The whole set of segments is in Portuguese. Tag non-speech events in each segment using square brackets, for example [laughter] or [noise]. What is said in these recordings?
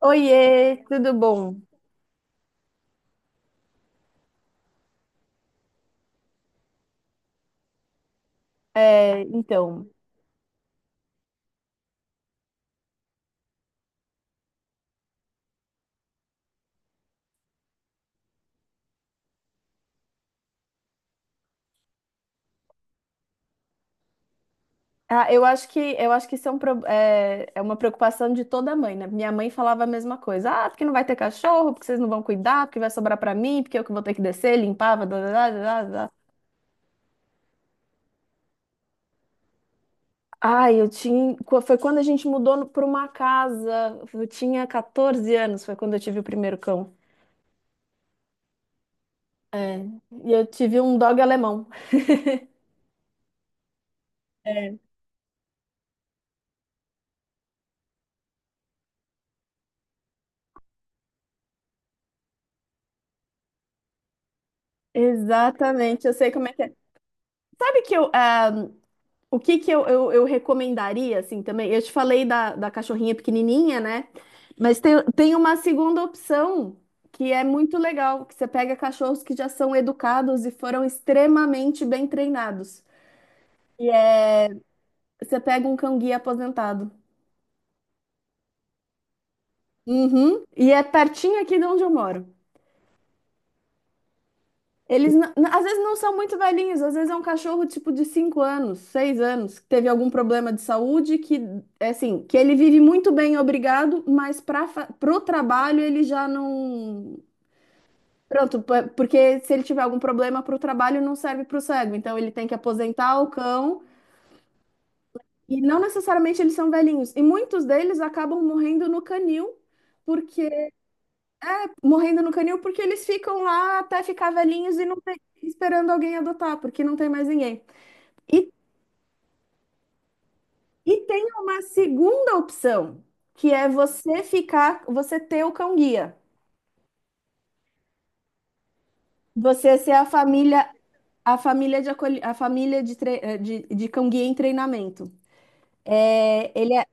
Oiê, tudo bom? É, então, ah, eu acho que isso é uma preocupação de toda mãe, né? Minha mãe falava a mesma coisa. Ah, porque não vai ter cachorro, porque vocês não vão cuidar, porque vai sobrar pra mim, porque eu que vou ter que descer, limpar, blá, blá, blá, blá, blá. Ai, foi quando a gente mudou pra uma casa. Eu tinha 14 anos, foi quando eu tive o primeiro cão. É, e eu tive um dog alemão. É, exatamente, eu sei como é que é. Sabe que eu, ah, O que que eu recomendaria, assim, também? Eu te falei da, cachorrinha pequenininha, né? Mas tem, uma segunda opção que é muito legal, que você pega cachorros que já são educados e foram extremamente bem treinados. Você pega um cão-guia aposentado. Uhum. E é pertinho aqui de onde eu moro. Às vezes não são muito velhinhos, às vezes é um cachorro tipo de 5 anos, 6 anos, que teve algum problema de saúde, que é assim, que ele vive muito bem, obrigado, mas para pro trabalho ele já não. Pronto, porque se ele tiver algum problema pro trabalho não serve pro cego, então ele tem que aposentar o cão e não necessariamente eles são velhinhos. E muitos deles acabam morrendo no canil, porque porque eles ficam lá até ficar velhinhos e não tem, esperando alguém adotar, porque não tem mais ninguém. E E tem uma segunda opção, que é você ter o cão guia. Você ser a família, a família de, de cão guia em treinamento. É, ele, é-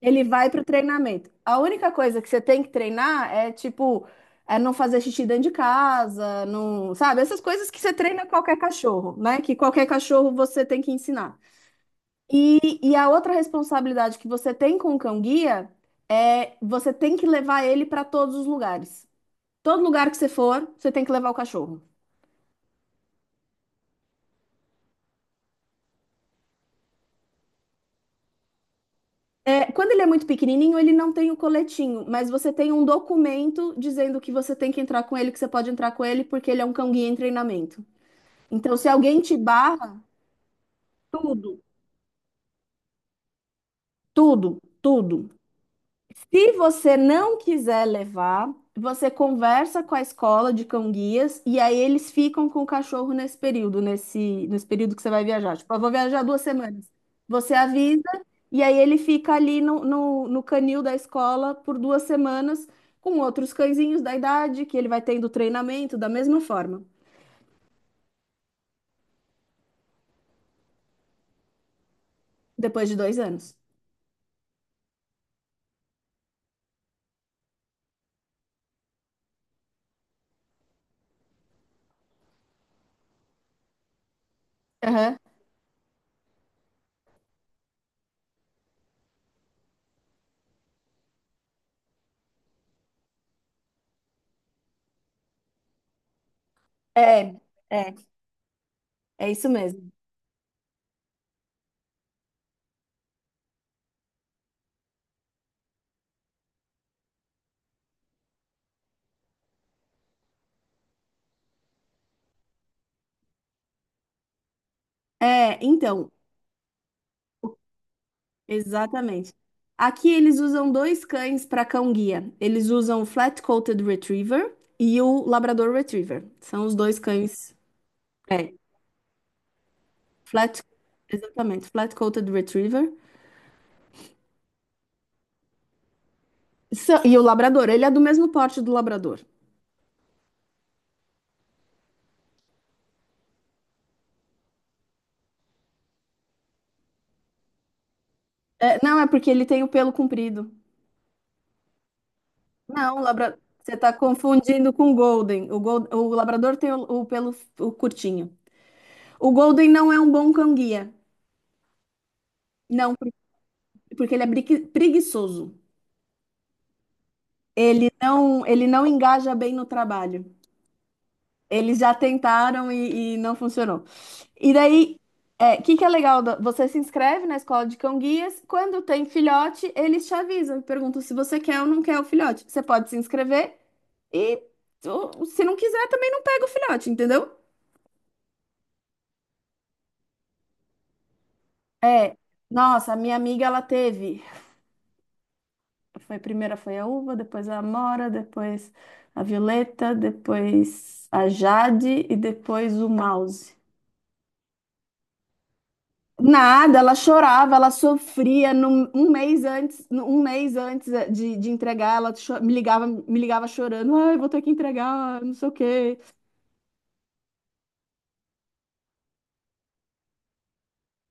Ele vai para o treinamento. A única coisa que você tem que treinar é tipo, é não fazer xixi dentro de casa, não, sabe? Essas coisas que você treina qualquer cachorro, né? Que qualquer cachorro você tem que ensinar. E a outra responsabilidade que você tem com o cão-guia é você tem que levar ele para todos os lugares. Todo lugar que você for, você tem que levar o cachorro. É, quando ele é muito pequenininho, ele não tem o coletinho, mas você tem um documento dizendo que você tem que entrar com ele, que você pode entrar com ele, porque ele é um cão-guia em treinamento. Então, se alguém te barra, tudo, tudo, tudo. Se você não quiser levar, você conversa com a escola de cão-guias e aí eles ficam com o cachorro nesse período, nesse período que você vai viajar. Tipo, eu vou viajar 2 semanas. Você avisa e aí ele fica ali no, no canil da escola por 2 semanas com outros cãezinhos da idade que ele vai tendo treinamento da mesma forma, depois de 2 anos. Aham. É, é, é isso mesmo. É, então, exatamente. Aqui eles usam dois cães para cão-guia. Eles usam o Flat-Coated Retriever e o Labrador Retriever. São os dois cães. É, flat, exatamente, Flat-Coated Retriever. E o Labrador, ele é do mesmo porte do Labrador. É, não, é porque ele tem o pelo comprido. Não, você está confundindo com o Golden. O Labrador tem o pelo o curtinho. O Golden não é um bom cão-guia. Não, porque ele é preguiçoso. Ele não engaja bem no trabalho. Eles já tentaram e não funcionou. E daí, o que que é legal? Você se inscreve na escola de cão-guias. Quando tem filhote, eles te avisam, perguntam se você quer ou não quer o filhote. Você pode se inscrever e ou, se não quiser, também não pega o filhote, entendeu? É. Nossa, a minha amiga, ela teve. Foi, primeira foi a uva, depois a amora, depois a violeta, depois a jade e depois o mouse. Nada, ela chorava, ela sofria. Um mês antes, um mês antes de entregar, ela me ligava chorando. Ai, vou ter que entregar, não sei o quê.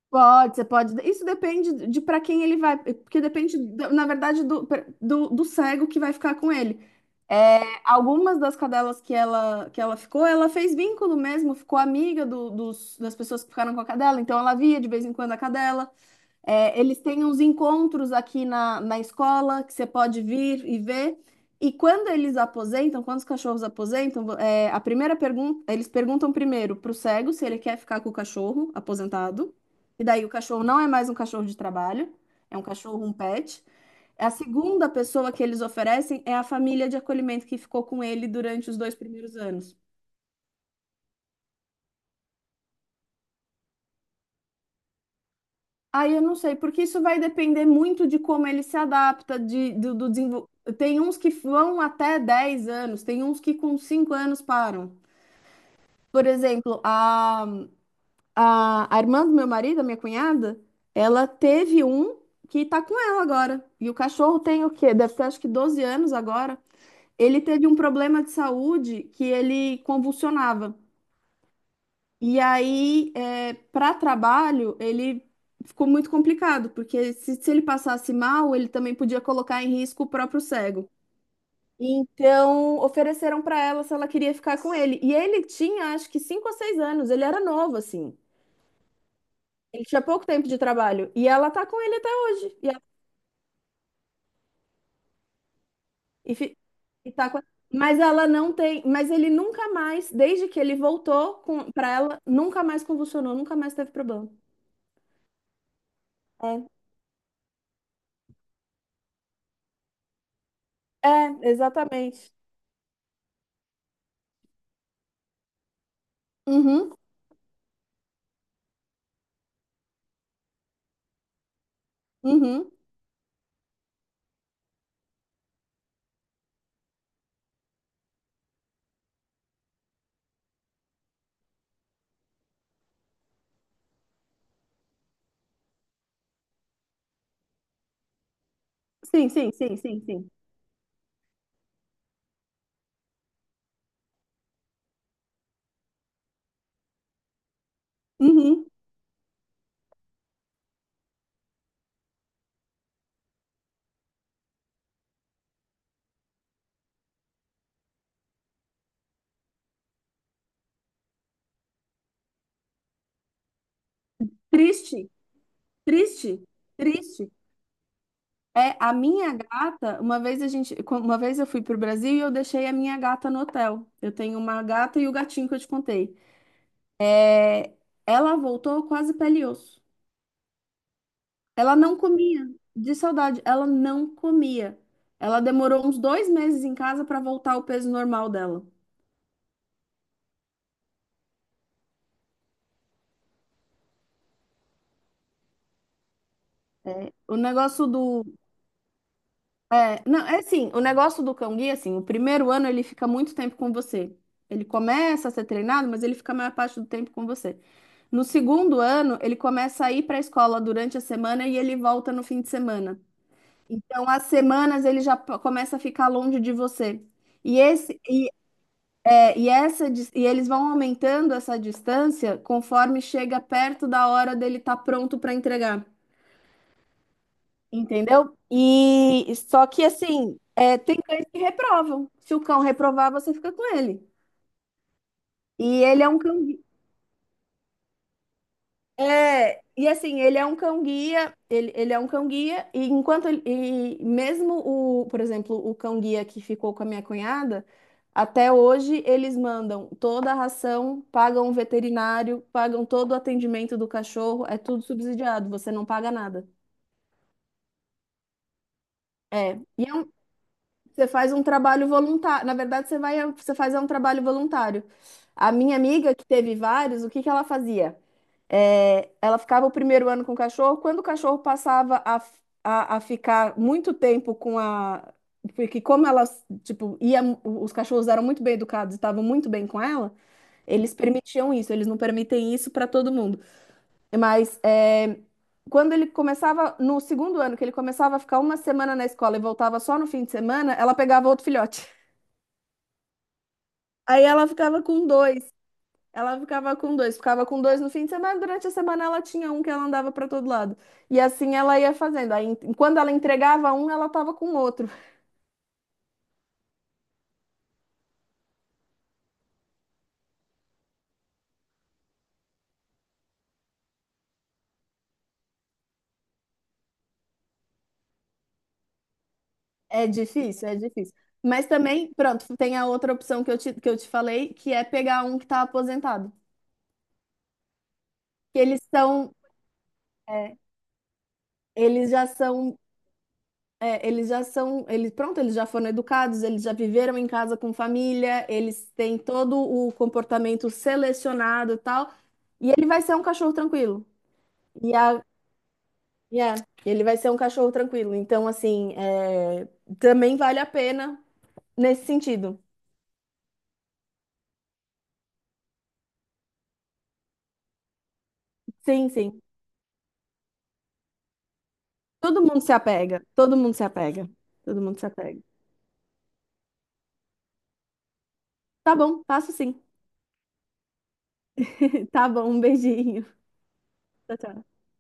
Pode, você pode. Isso depende de para quem ele vai, porque depende, na verdade, do cego que vai ficar com ele. É, algumas das cadelas que ela ficou, ela fez vínculo mesmo, ficou amiga das pessoas que ficaram com a cadela, então ela via de vez em quando a cadela. É, eles têm uns encontros aqui na escola que você pode vir e ver. E quando eles aposentam, quando os cachorros aposentam, a primeira pergunta, eles perguntam primeiro para o cego se ele quer ficar com o cachorro aposentado. E daí o cachorro não é mais um cachorro de trabalho, é um cachorro, um pet. A segunda pessoa que eles oferecem é a família de acolhimento que ficou com ele durante os 2 primeiros anos. Aí eu não sei, porque isso vai depender muito de como ele se adapta, do desenvol... Tem uns que vão até 10 anos, tem uns que com 5 anos param. Por exemplo, a irmã do meu marido, a minha cunhada, ela teve um que tá com ela agora. E o cachorro tem o quê? Deve ter acho que 12 anos agora. Ele teve um problema de saúde que ele convulsionava. E aí, para trabalho, ele ficou muito complicado, porque se ele passasse mal, ele também podia colocar em risco o próprio cego. Então, ofereceram para ela se ela queria ficar com ele. E ele tinha, acho que, 5 ou 6 anos, ele era novo, assim. Ele tinha pouco tempo de trabalho. E ela tá com ele até hoje. E, fi- e tá com... Mas ela não tem. Mas ele nunca mais, desde que ele voltou para ela, nunca mais convulsionou, nunca mais teve problema. É, é, exatamente. Uhum. Uhum. Sim, sim, sim, sim, sim. Uhum. Triste, triste, triste. É, a minha gata, uma vez eu fui pro Brasil e eu deixei a minha gata no hotel. Eu tenho uma gata e o gatinho que eu te contei. Ela voltou quase pele e osso. Ela não comia, de saudade, ela não comia. Ela demorou uns 2 meses em casa para voltar ao peso normal dela. O negócio do Não, é assim, o negócio do cão-guia, assim, o primeiro ano ele fica muito tempo com você. Ele começa a ser treinado, mas ele fica a maior parte do tempo com você. No segundo ano, ele começa a ir para a escola durante a semana e ele volta no fim de semana. Então, as semanas ele já começa a ficar longe de você. E, esse, e, é, e, essa, dis- E eles vão aumentando essa distância conforme chega perto da hora dele estar pronto para entregar. Entendeu? E só que assim, é, tem cães que reprovam. Se o cão reprovar, você fica com ele. E ele é um cão gui- e assim, ele é um cão guia, ele é um cão guia, e enquanto ele, e mesmo o, por exemplo, o cão guia que ficou com a minha cunhada, até hoje eles mandam toda a ração, pagam o veterinário, pagam todo o atendimento do cachorro, é tudo subsidiado, você não paga nada. É, e é um Você faz um trabalho voluntário. Na verdade, você faz é um trabalho voluntário. A minha amiga, que teve vários, o que que ela fazia? É, ela ficava o primeiro ano com o cachorro. Quando o cachorro passava a ficar muito tempo com a. Porque tipo, os cachorros eram muito bem educados e estavam muito bem com ela, eles permitiam isso, eles não permitem isso para todo mundo. Mas é, quando ele começava, no segundo ano, que ele começava a ficar uma semana na escola e voltava só no fim de semana, ela pegava outro filhote. [laughs] Aí ela ficava com dois. Ela ficava com dois no fim de semana, durante a semana ela tinha um que ela andava para todo lado. E assim ela ia fazendo. Aí, quando ela entregava um, ela tava com outro. É difícil, é difícil. Mas também, pronto, tem a outra opção que eu te falei, que é pegar um que tá aposentado. Que eles são, é, eles já são É, eles já foram educados, eles já viveram em casa com família, eles têm todo o comportamento selecionado e tal, e ele vai ser um cachorro tranquilo. E a, e é, ele vai ser um cachorro tranquilo. Então, assim, também vale a pena nesse sentido. Sim, sim. Todo mundo se apega, todo mundo se apega, todo mundo se apega. Tá bom, passo sim. [laughs] Tá bom, um beijinho. Tchau, tchau.